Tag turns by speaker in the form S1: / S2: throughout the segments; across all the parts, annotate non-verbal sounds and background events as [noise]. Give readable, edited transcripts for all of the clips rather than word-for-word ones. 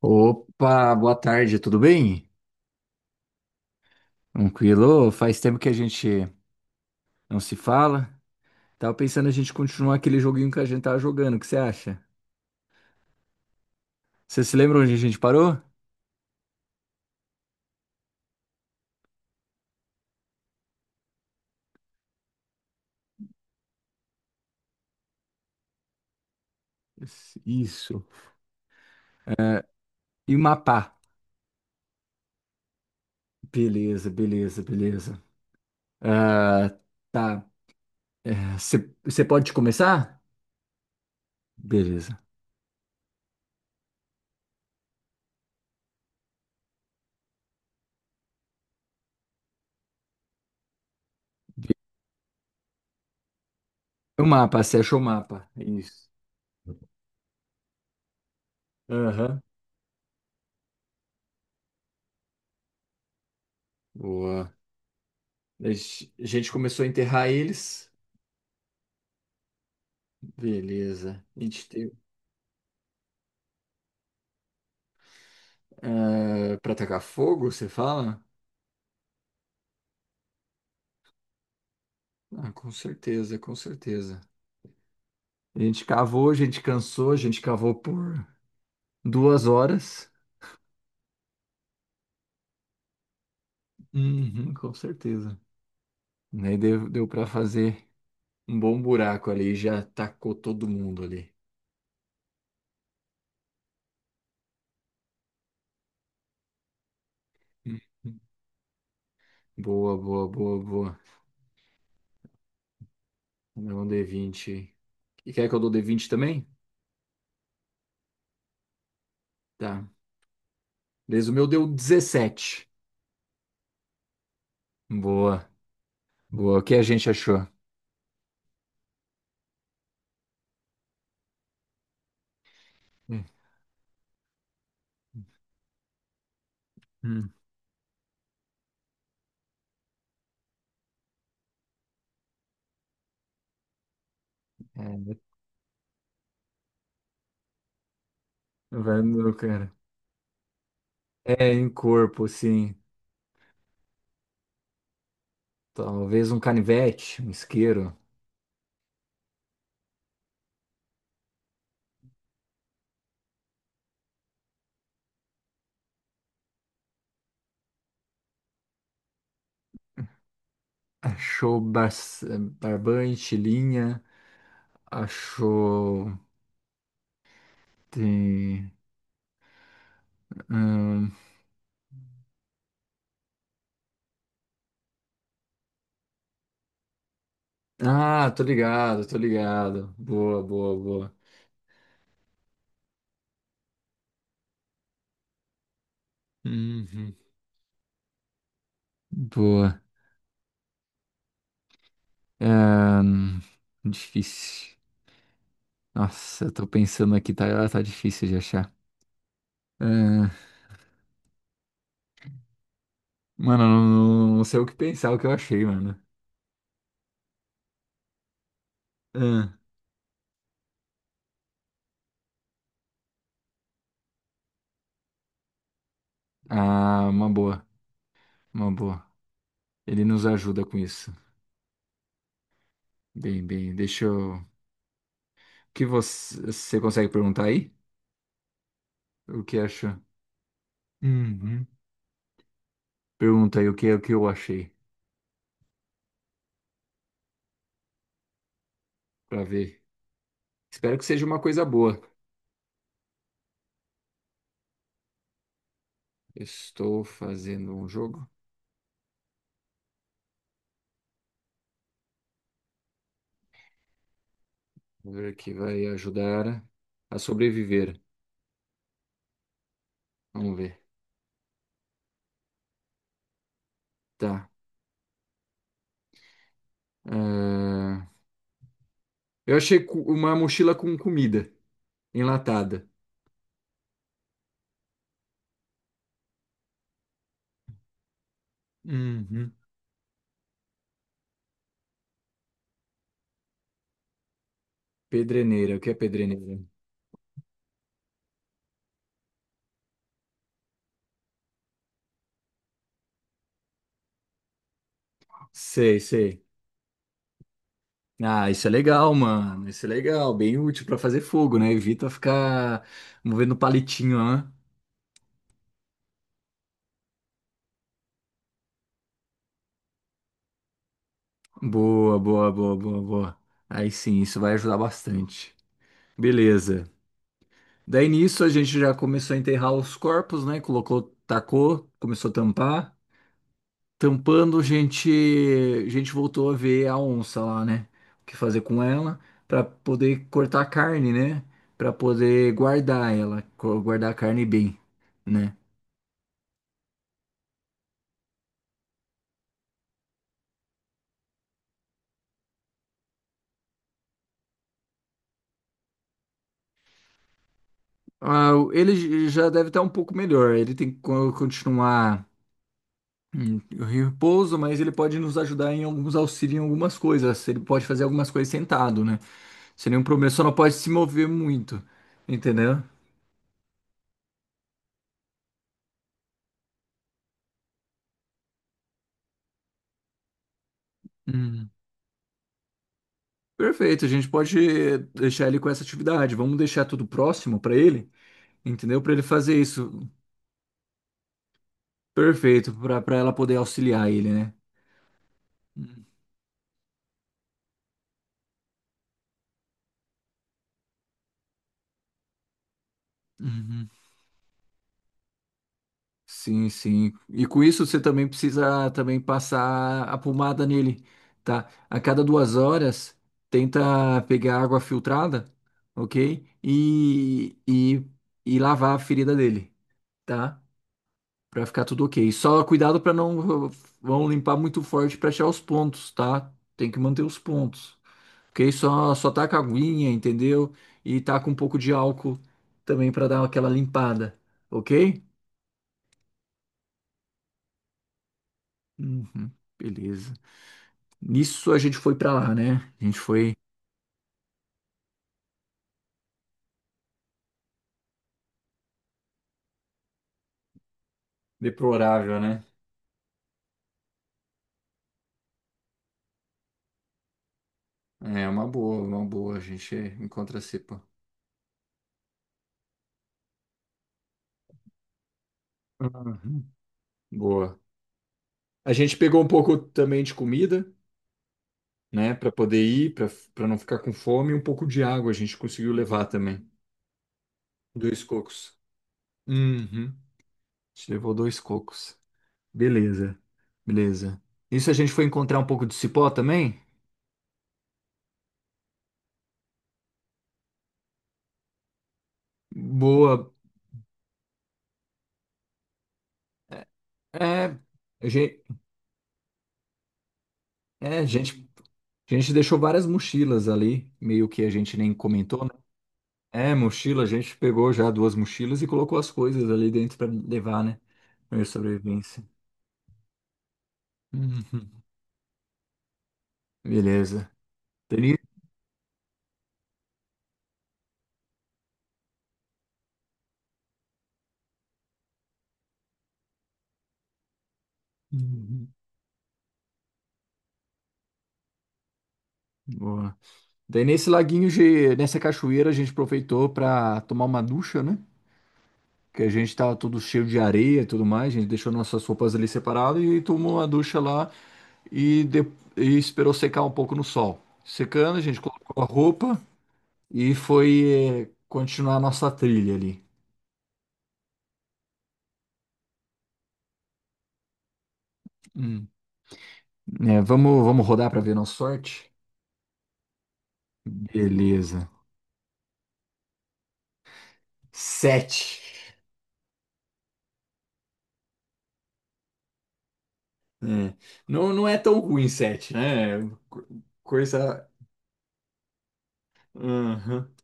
S1: Opa, boa tarde, tudo bem? Tranquilo? Faz tempo que a gente não se fala. Tava pensando a gente continuar aquele joguinho que a gente tava jogando, o que você acha? Você se lembra onde a gente parou? Isso. Isso. E mapar. Beleza, beleza, beleza. Ah, tá. É, Você você pode começar? Beleza. O mapa, você achou o mapa? Isso. Aham. Boa. A gente começou a enterrar eles. Beleza. A gente tem. É, para atacar fogo, você fala? Ah, com certeza, com certeza. A gente cavou, a gente cansou, a gente cavou por 2 horas. Uhum, com certeza. Daí deu para fazer um bom buraco ali, já tacou todo mundo ali. Uhum. Boa, boa, boa, boa. O é um d20. E quer que eu dou d20 também? Tá. Beleza, o meu deu 17. Boa, boa. O que a gente achou? Hum. É, não vai não, cara. É, em corpo, sim. Talvez um canivete, um isqueiro. Achou barbante, linha. Achou. Tem. Hum. Ah, tô ligado, tô ligado. Boa, boa, boa. Uhum. Boa. É, hum, difícil. Nossa, eu tô pensando aqui, tá, tá difícil de achar. É, mano, eu não, não sei o que pensar, o que eu achei, mano. É. Ah, uma boa, uma boa. Ele nos ajuda com isso. Bem, bem, deixa eu. O que você consegue perguntar aí? O que achou? Uhum. Pergunta aí o que eu achei, pra ver. Espero que seja uma coisa boa. Estou fazendo um jogo, vamos ver que vai ajudar a sobreviver. Vamos ver. Tá. Ah, eu achei uma mochila com comida enlatada. Uhum. Pedreneira, o que é pedreneira? Sei, sei. Ah, isso é legal, mano. Isso é legal, bem útil pra fazer fogo, né? Evita ficar movendo palitinho, né? Boa, boa, boa, boa, boa. Aí sim, isso vai ajudar bastante. Beleza. Daí nisso a gente já começou a enterrar os corpos, né? Colocou, tacou, começou a tampar. Tampando, a gente voltou a ver a onça lá, né? O que fazer com ela pra poder cortar a carne, né? Pra poder guardar ela, guardar a carne bem, né? Ah, ele já deve estar um pouco melhor. Ele tem que continuar em repouso, mas ele pode nos ajudar em alguns auxílios em algumas coisas. Ele pode fazer algumas coisas sentado, né? Sem nenhum problema, só não pode se mover muito, entendeu? Hum. Perfeito, a gente pode deixar ele com essa atividade. Vamos deixar tudo próximo para ele, entendeu? Para ele fazer isso. Perfeito, para ela poder auxiliar ele, né? Uhum. Sim, sim. E com isso você também precisa também passar a pomada nele, tá? A cada 2 horas, tenta pegar água filtrada, ok? E lavar a ferida dele, tá? Pra ficar tudo ok. Só cuidado pra não vão limpar muito forte pra achar os pontos, tá? Tem que manter os pontos, ok? Só taca aguinha, entendeu? E taca um pouco de álcool também pra dar aquela limpada, ok? Uhum, beleza. Nisso a gente foi pra lá, né? A gente foi. Deplorável, né? É uma boa, uma boa. A gente encontra assim. Uhum. Boa. A gente pegou um pouco também de comida, né, pra poder ir, pra para não ficar com fome, e um pouco de água a gente conseguiu levar também. Dois cocos. Uhum. A gente levou dois cocos. Beleza, beleza. Isso a gente foi encontrar um pouco de cipó também? Boa. É, é, a gente, é, a gente A gente deixou várias mochilas ali, meio que a gente nem comentou, né? É, mochila, a gente pegou já duas mochilas e colocou as coisas ali dentro para levar, né? Pra sobrevivência. Uhum. Beleza. Daí, ni- Uhum. Boa. Daí nesse laguinho, nessa cachoeira, a gente aproveitou para tomar uma ducha, né? Que a gente tava todo cheio de areia e tudo mais, a gente deixou nossas roupas ali separadas e tomou uma ducha lá e, e esperou secar um pouco no sol. Secando, a gente colocou a roupa. E foi é, continuar a nossa trilha ali. Hum. É, vamos, vamos rodar para ver nossa sorte? Beleza. Sete. É. Não, não é tão ruim sete, né? Co- Coisa. Aham.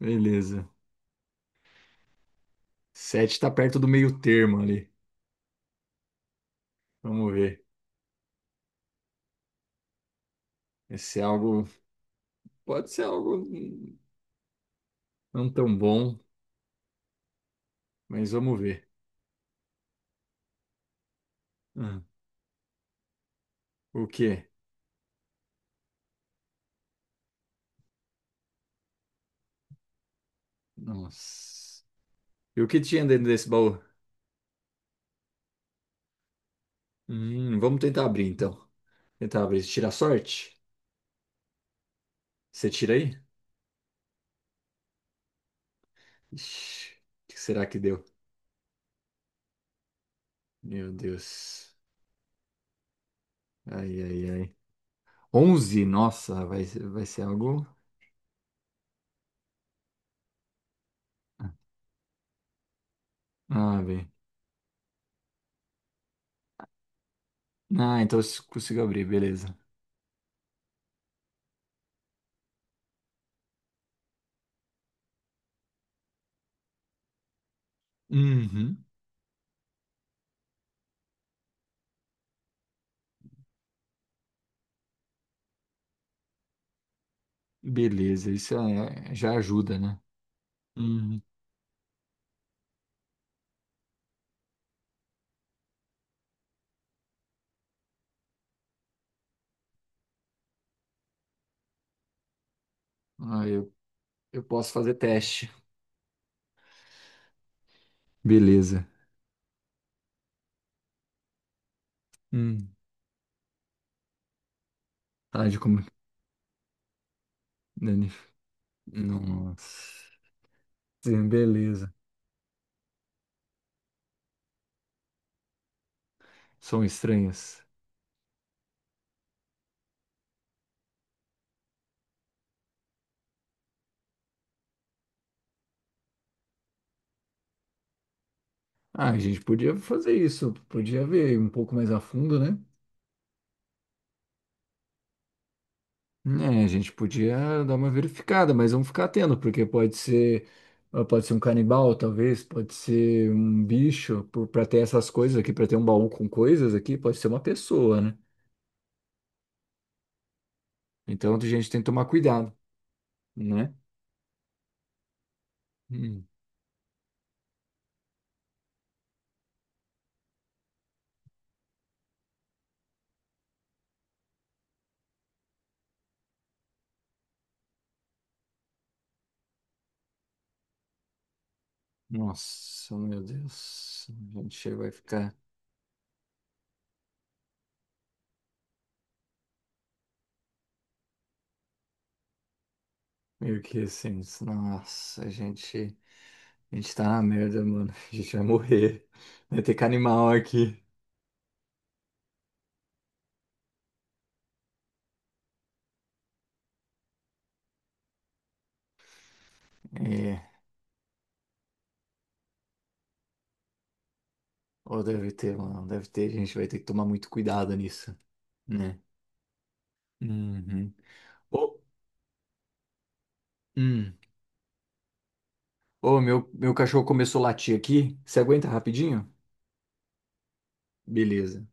S1: Beleza. Sete tá perto do meio termo ali. Vamos ver. Esse é algo. Pode ser algo não tão bom, mas vamos ver. Hum. O quê? Nossa. E o que tinha dentro desse baú? Vamos tentar abrir então. Tentar abrir. Tirar sorte? Você tira aí? Ixi, o que será que deu? Meu Deus. Ai, ai, ai. 11. Nossa, vai ser algo. Ah, bem. Ah, então eu consigo abrir, beleza. Uhum. Beleza, isso é- já ajuda, né? Uhum. Ah, eu, eu posso fazer teste. Beleza. Hum. Tá de como. Dani. Nossa. Sim, beleza. São estranhas. Ah, a gente podia fazer isso, podia ver um pouco mais a fundo, né? É, a gente podia dar uma verificada, mas vamos ficar atento, porque pode ser, ah, pode ser um canibal, talvez, pode ser um bicho, para ter essas coisas aqui, para ter um baú com coisas aqui, pode ser uma pessoa, né? Então a gente tem que tomar cuidado, né? Hum. Nossa, meu Deus, a gente vai ficar meio que assim, nossa, a gente tá na merda, mano, [laughs] a gente vai morrer, vai ter que animal aqui. É, ou deve ter, mano, deve ter, a gente vai ter que tomar muito cuidado nisso. Né? Uhum. Ô, hum. Ô, meu cachorro começou a latir aqui. Você aguenta rapidinho? Beleza.